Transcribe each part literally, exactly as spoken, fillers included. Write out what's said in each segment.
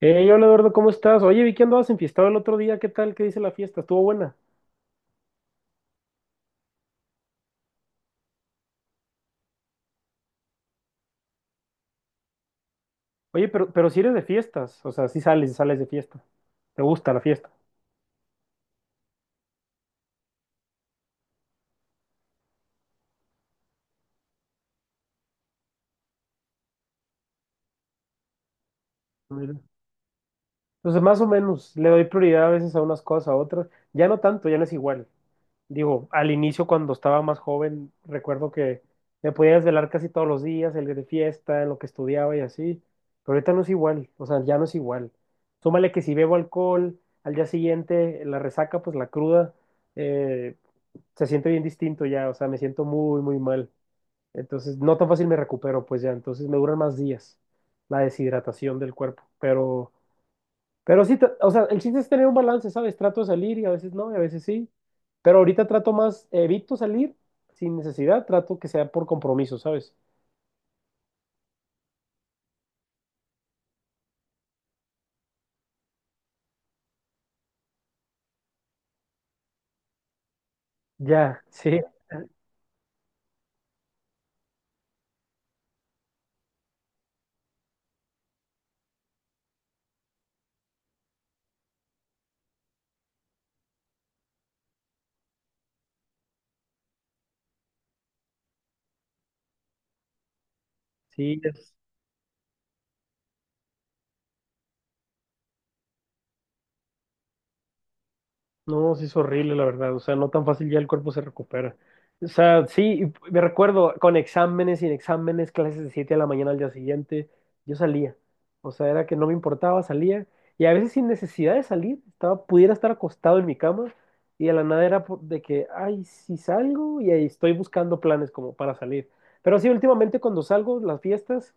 Hey, hola Eduardo, ¿cómo estás? Oye, vi que andabas enfiestado el otro día, ¿qué tal? ¿Qué dice la fiesta? Estuvo buena. Oye, pero, pero si eres de fiestas, o sea, si sales, sales de fiesta. ¿Te gusta la fiesta? Mira. Entonces, más o menos, le doy prioridad a veces a unas cosas, a otras. Ya no tanto, ya no es igual. Digo, al inicio cuando estaba más joven, recuerdo que me podía desvelar casi todos los días, el de fiesta, en lo que estudiaba y así. Pero ahorita no es igual, o sea, ya no es igual. Súmale que si bebo alcohol, al día siguiente, la resaca, pues la cruda. eh, Se siente bien distinto ya, o sea, me siento muy, muy mal. Entonces, no tan fácil me recupero, pues ya, entonces me duran más días la deshidratación del cuerpo. Pero, pero sí, tra- o sea, el chiste es tener un balance, ¿sabes? Trato de salir y a veces no, y a veces sí. Pero ahorita trato más, evito salir sin necesidad, trato que sea por compromiso, ¿sabes? Ya, sí, sí. No, sí es horrible, la verdad. O sea, no tan fácil ya el cuerpo se recupera. O sea, sí, y me recuerdo con exámenes, sin exámenes, clases de siete de la mañana al día siguiente, yo salía. O sea, era que no me importaba, salía. Y a veces sin necesidad de salir, estaba, pudiera estar acostado en mi cama y de la nada era por- de que, ay, si salgo y ahí estoy buscando planes como para salir. Pero sí, últimamente cuando salgo, las fiestas,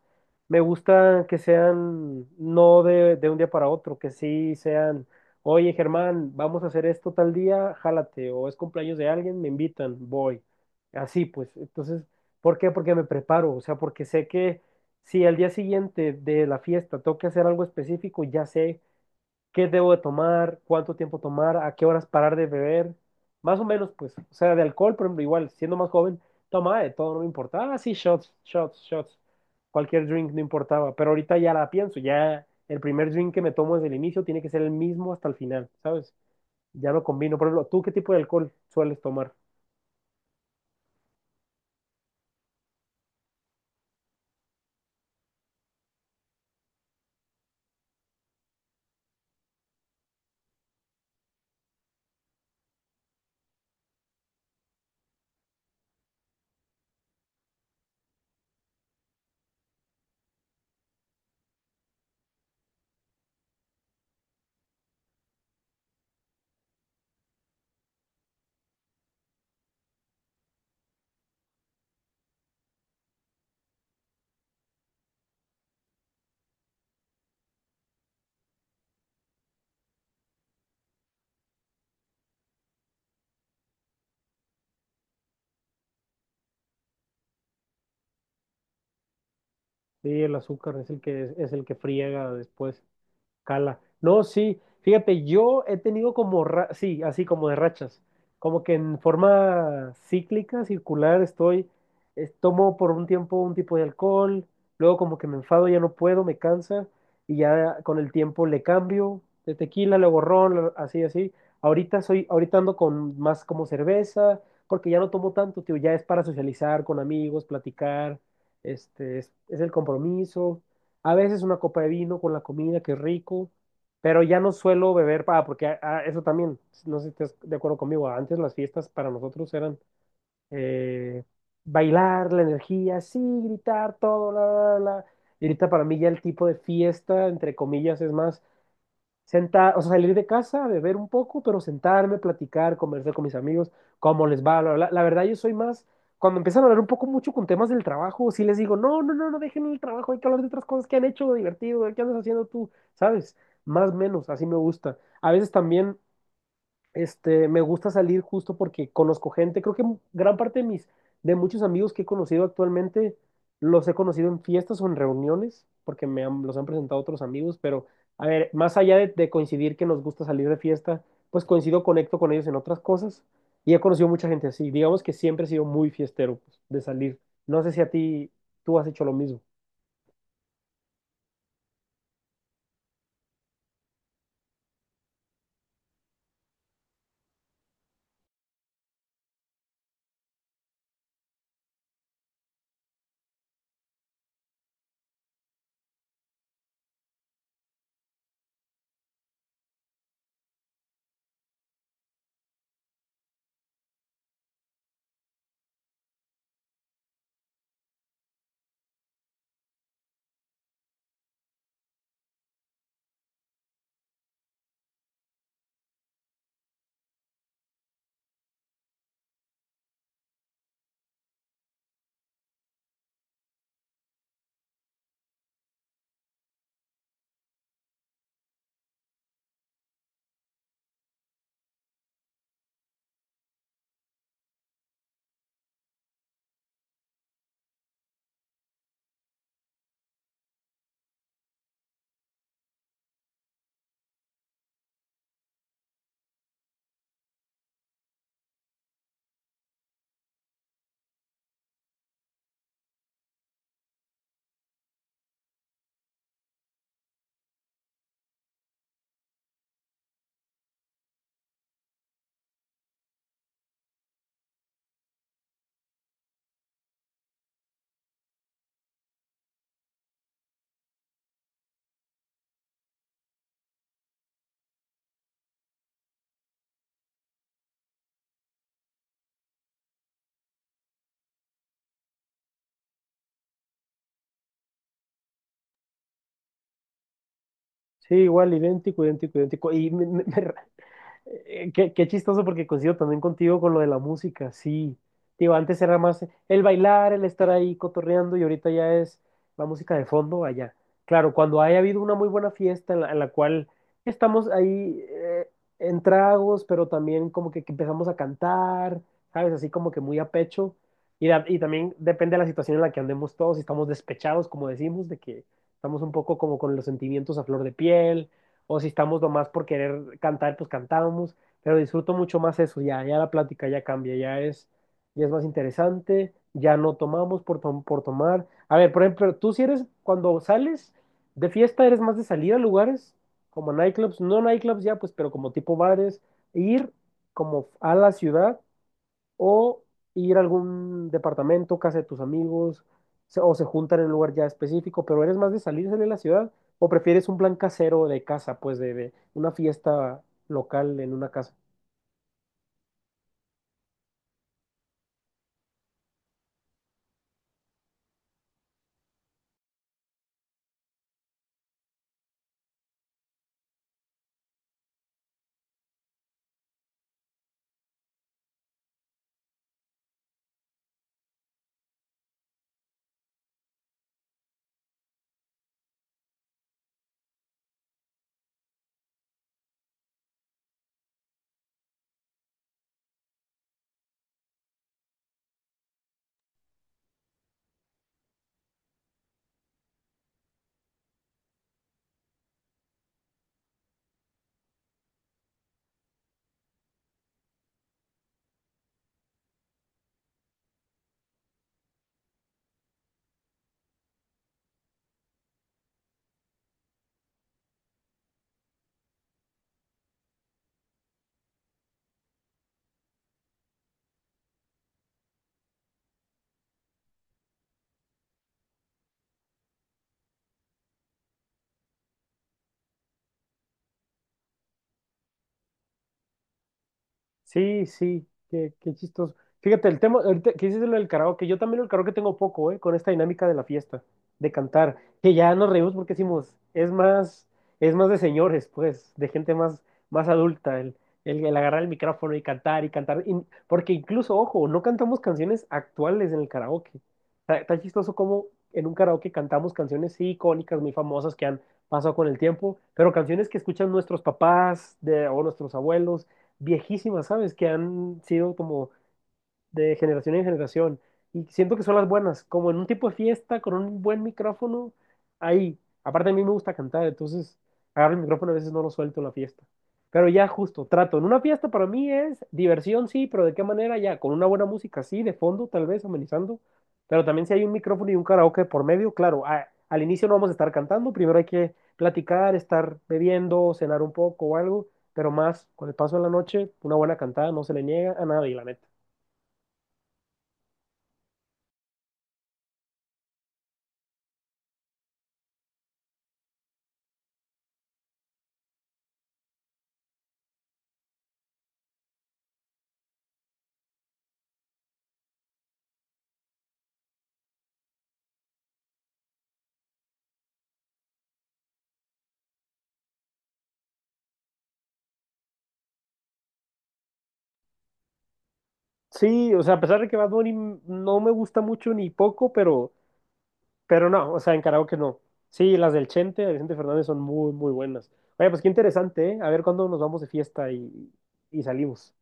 me gusta que sean no de, de un día para otro, que sí sean. Oye, Germán, vamos a hacer esto tal día, jálate, o es cumpleaños de alguien, me invitan, voy. Así pues, entonces, ¿por qué? Porque me preparo, o sea, porque sé que si al día siguiente de la fiesta tengo que hacer algo específico, ya sé qué debo de tomar, cuánto tiempo tomar, a qué horas parar de beber, más o menos, pues, o sea, de alcohol, por ejemplo, igual, siendo más joven, tomaba de todo, no me importaba, sí, shots, shots, shots, cualquier drink no importaba, pero ahorita ya la pienso, ya el primer drink que me tomo desde el inicio tiene que ser el mismo hasta el final, ¿sabes? Ya no combino, por ejemplo, ¿tú qué tipo de alcohol sueles tomar? Sí, el azúcar es el que es, el que friega después. Cala. No, sí, fíjate, yo he tenido como, ra- sí, así como de rachas, como que en forma cíclica, circular, estoy, eh, tomo por un tiempo un tipo de alcohol, luego como que me enfado, ya no puedo, me cansa, y ya con el tiempo le cambio de tequila, luego ron, lo- así, así. Ahorita soy, ahorita ando con más como cerveza, porque ya no tomo tanto, tío, ya es para socializar con amigos, platicar, este, es es el compromiso. A veces una copa de vino con la comida, que rico, pero ya no suelo beber, para porque a- a- eso también, no sé si estás de acuerdo conmigo, antes las fiestas para nosotros eran eh, bailar, la energía, sí, gritar, todo, la, la, la. Y ahorita para mí ya el tipo de fiesta, entre comillas, es más sentar, o sea, salir de casa, beber un poco, pero sentarme, platicar, conversar con mis amigos, cómo les va, bla, bla, bla. La verdad, yo soy más, cuando empiezan a hablar un poco mucho con temas del trabajo, sí les digo, no, no, no, no dejen el trabajo, hay que hablar de otras cosas que han hecho divertido, ¿qué andas haciendo tú? ¿Sabes? Más o menos, así me gusta. A veces también este, me gusta salir justo porque conozco gente. Creo que gran parte de mis, de muchos amigos que he conocido actualmente, los he conocido en fiestas o en reuniones, porque me han- los han presentado otros amigos. Pero, a ver, más allá de, de coincidir que nos gusta salir de fiesta, pues coincido, conecto con ellos en otras cosas. Y he conocido mucha gente así. Digamos que siempre he sido muy fiestero, pues, de salir. No sé si a ti, tú has hecho lo mismo. Sí, igual, idéntico, idéntico, idéntico. Y me, me- me- eh, qué, qué chistoso porque coincido también contigo con lo de la música, sí. Digo, antes era más el bailar, el estar ahí cotorreando y ahorita ya es la música de fondo allá. Claro, cuando haya habido una muy buena fiesta en la, en la cual estamos ahí eh, en tragos, pero también como que, que empezamos a cantar, ¿sabes? Así como que muy a pecho. Y, da- y también depende de la situación en la que andemos todos, si estamos despechados, como decimos, de que estamos un poco como con los sentimientos a flor de piel o si estamos nomás por querer cantar, pues cantábamos, pero disfruto mucho más eso, ya, ya la plática ya cambia, ya es, ya es más interesante, ya no tomamos por, tom- por tomar. A ver, por ejemplo, tú si eres, cuando sales de fiesta, eres más de salir a lugares como nightclubs, no nightclubs ya, pues, pero como tipo bares, ir como a la ciudad o ir a algún departamento, casa de tus amigos, se- o se juntan en un lugar ya específico, pero eres más de salirse de la ciudad o prefieres un plan casero de casa, pues de, de una fiesta local en una casa. Sí, sí, qué, qué chistoso. Fíjate, el tema, ahorita que dices lo del karaoke, yo también el karaoke tengo poco, ¿eh? Con esta dinámica de la fiesta, de cantar, que ya nos reímos porque decimos, es más, es más de señores, pues, de gente más, más adulta, el, el, el agarrar el micrófono y cantar y cantar, y- porque incluso, ojo, no cantamos canciones actuales en el karaoke. Está, está chistoso como en un karaoke cantamos canciones sí, icónicas, muy famosas que han pasado con el tiempo, pero canciones que escuchan nuestros papás de, o nuestros abuelos viejísimas, ¿sabes? Que han sido como de generación en generación. Y siento que son las buenas, como en un tipo de fiesta, con un buen micrófono, ahí. Aparte a mí me gusta cantar, entonces agarro el micrófono, y a veces no lo suelto en la fiesta. Pero ya justo, trato. En una fiesta para mí es diversión, sí, pero ¿de qué manera ya? Con una buena música, sí, de fondo, tal vez, amenizando. Pero también si hay un micrófono y un karaoke por medio, claro, a- al inicio no vamos a estar cantando, primero hay que platicar, estar bebiendo, cenar un poco o algo, pero más con el paso de la noche, una buena cantada no se le niega a nadie, la neta. Sí, o sea, a pesar de que Bad Bunny no me gusta mucho ni poco, pero, pero no, o sea, en karaoke no. Sí, las del Chente, de Vicente Fernández son muy, muy buenas. Oye, pues qué interesante, ¿eh? A ver cuándo nos vamos de fiesta y, y salimos.